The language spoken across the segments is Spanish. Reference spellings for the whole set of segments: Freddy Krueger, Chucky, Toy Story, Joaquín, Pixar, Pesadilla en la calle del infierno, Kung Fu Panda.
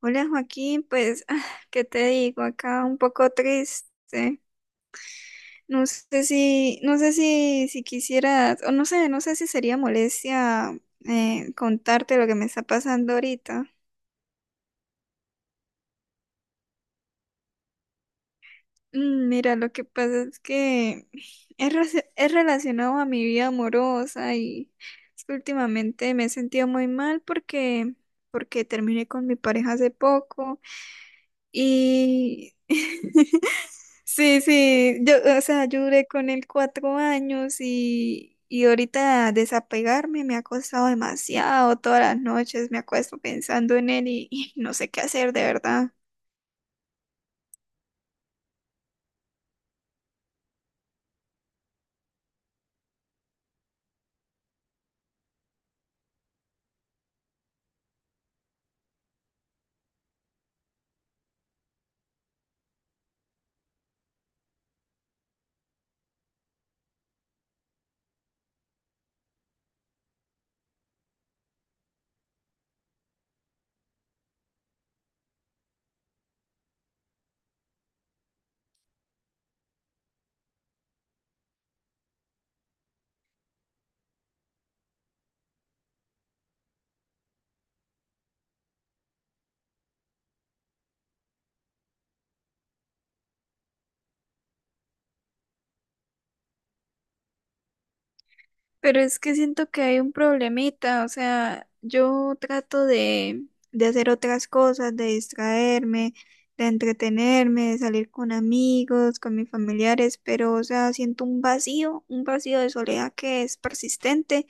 Hola Joaquín, pues, ah, ¿qué te digo? Acá un poco triste. No sé si quisieras, o no sé si sería molestia contarte lo que me está pasando ahorita. Mira, lo que pasa es que es relacionado a mi vida amorosa y es que últimamente me he sentido muy mal porque terminé con mi pareja hace poco. Y sí, sí, o sea, yo duré con él 4 años y ahorita desapegarme me ha costado demasiado. Todas las noches me acuesto pensando en él y no sé qué hacer, de verdad. Pero es que siento que hay un problemita, o sea, yo trato de hacer otras cosas, de distraerme, de entretenerme, de salir con amigos, con mis familiares, pero, o sea, siento un vacío de soledad que es persistente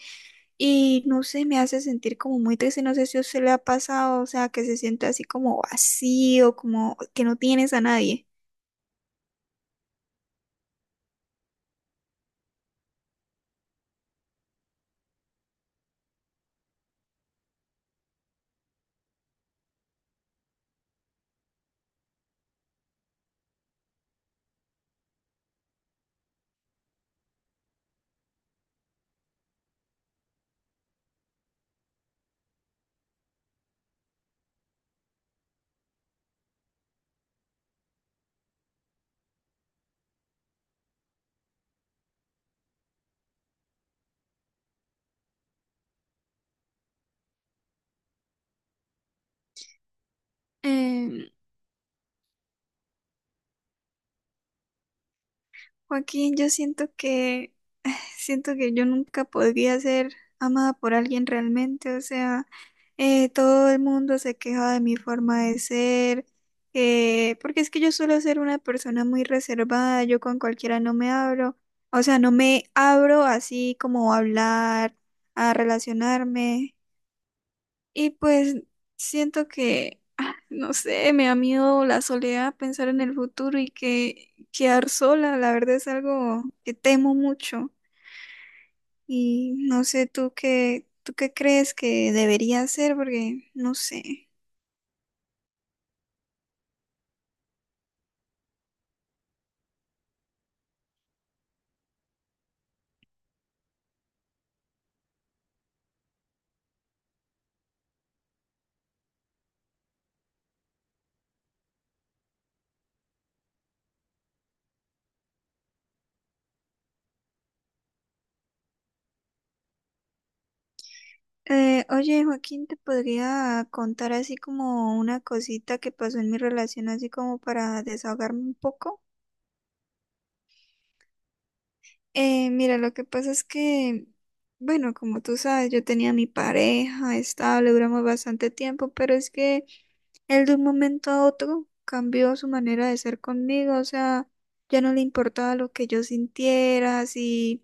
y no sé, me hace sentir como muy triste, no sé si a usted le ha pasado, o sea, que se siente así como vacío, como que no tienes a nadie. Em, Joaquín, yo siento que siento que yo nunca podría ser amada por alguien realmente, o sea, todo el mundo se queja de mi forma de ser, porque es que yo suelo ser una persona muy reservada, yo con cualquiera no me abro, o sea, no me abro así como a hablar, a relacionarme, y pues siento que, ah, no sé, me da miedo la soledad, pensar en el futuro y que quedar sola, la verdad es algo que temo mucho. Y no sé tú qué crees que debería hacer, porque no sé. Oye, Joaquín, ¿te podría contar así como una cosita que pasó en mi relación, así como para desahogarme un poco? Mira, lo que pasa es que, bueno, como tú sabes, yo tenía mi pareja estable, duramos bastante tiempo, pero es que él de un momento a otro cambió su manera de ser conmigo, o sea, ya no le importaba lo que yo sintiera, si...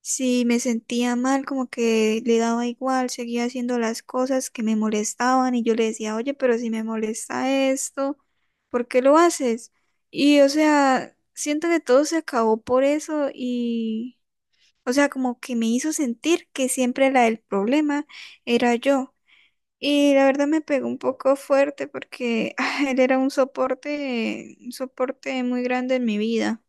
Sí, me sentía mal, como que le daba igual, seguía haciendo las cosas que me molestaban y yo le decía: oye, pero si me molesta esto, ¿por qué lo haces? Y, o sea, siento que todo se acabó por eso y, o sea, como que me hizo sentir que siempre la del problema era yo. Y la verdad me pegó un poco fuerte porque él era un soporte muy grande en mi vida.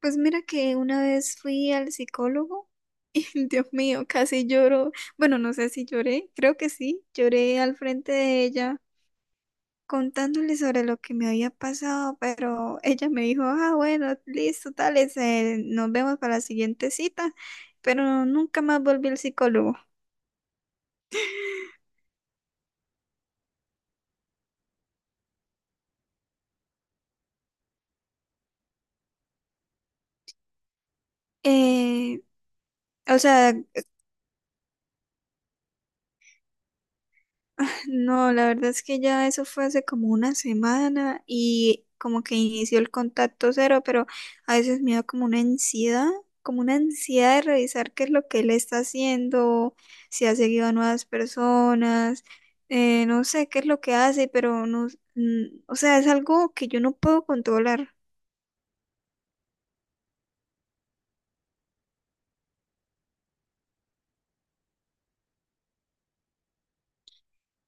Pues mira que una vez fui al psicólogo y Dios mío, casi lloro. Bueno, no sé si lloré, creo que sí, lloré al frente de ella contándole sobre lo que me había pasado, pero ella me dijo: ah, bueno, listo, tales, nos vemos para la siguiente cita, pero nunca más volví al psicólogo. Eh, o sea, no, la verdad es que ya eso fue hace como una semana y como que inició el contacto cero, pero a veces me da como una ansiedad de revisar qué es lo que él está haciendo, si ha seguido a nuevas personas, no sé qué es lo que hace, pero no, mm, o sea, es algo que yo no puedo controlar.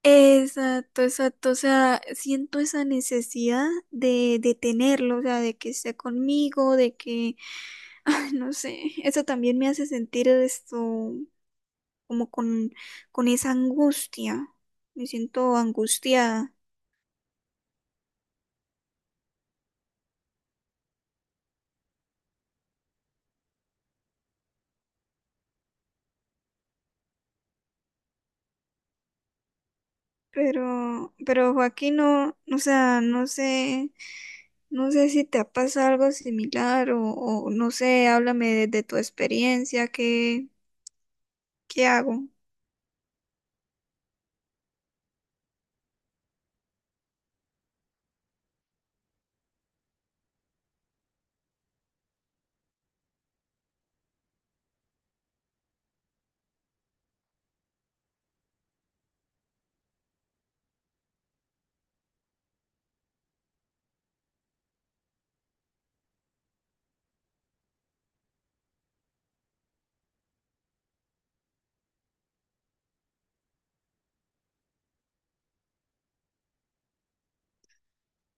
Exacto, exacto. O sea, siento esa necesidad de, tenerlo, o sea, de que esté conmigo, de que, ay, no sé, eso también me hace sentir esto como con esa angustia. Me siento angustiada. Pero Joaquín, no, o sea, no sé, no sé si te ha pasado algo similar o no sé, háblame de tu experiencia, ¿qué hago?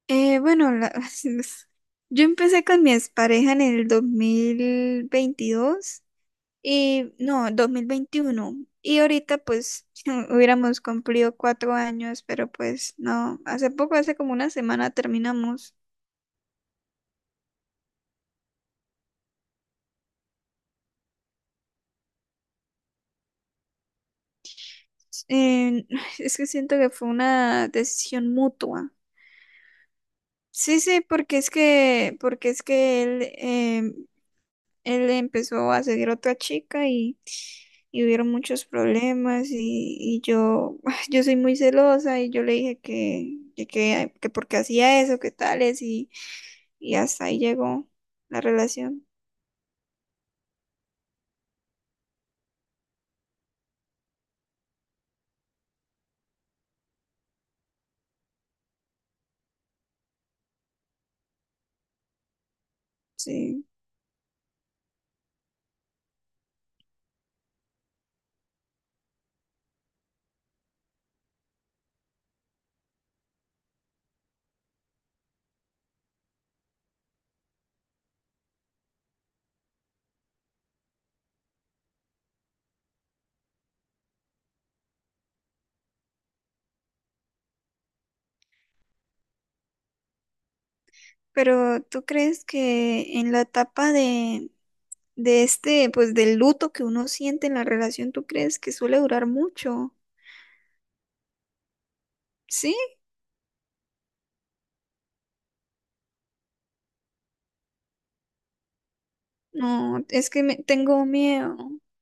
Bueno, yo empecé con mi expareja en el 2022 y no, 2021. Y ahorita pues hubiéramos cumplido 4 años, pero pues no, hace poco, hace como una semana terminamos. Eh, es que siento que fue una decisión mutua. Sí, sí, porque es que él empezó a seguir a otra chica y hubieron muchos problemas y yo, yo soy muy celosa y yo le dije que, que porque hacía eso, que tales y hasta ahí llegó la relación. Sí. Pero ¿tú crees que en la etapa de este, pues del luto que uno siente en la relación? ¿Tú crees que suele durar mucho? Sí. No, es que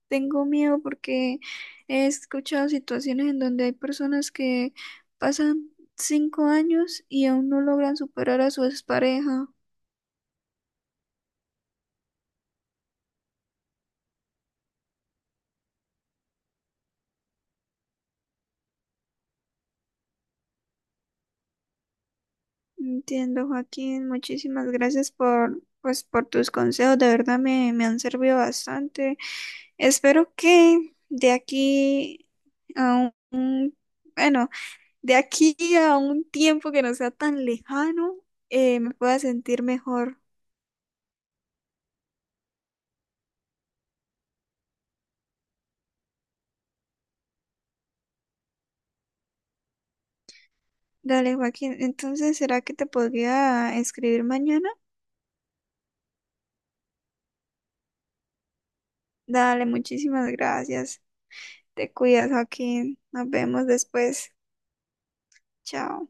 tengo miedo porque he escuchado situaciones en donde hay personas que pasan 5 años y aún no logran superar a su expareja. Entiendo, Joaquín, muchísimas gracias por, pues, por tus consejos, de verdad me han servido bastante. Espero que de aquí a un, bueno, de aquí a un tiempo que no sea tan lejano, me pueda sentir mejor. Dale, Joaquín. Entonces, ¿será que te podría escribir mañana? Dale, muchísimas gracias. Te cuidas, Joaquín. Nos vemos después. Chao.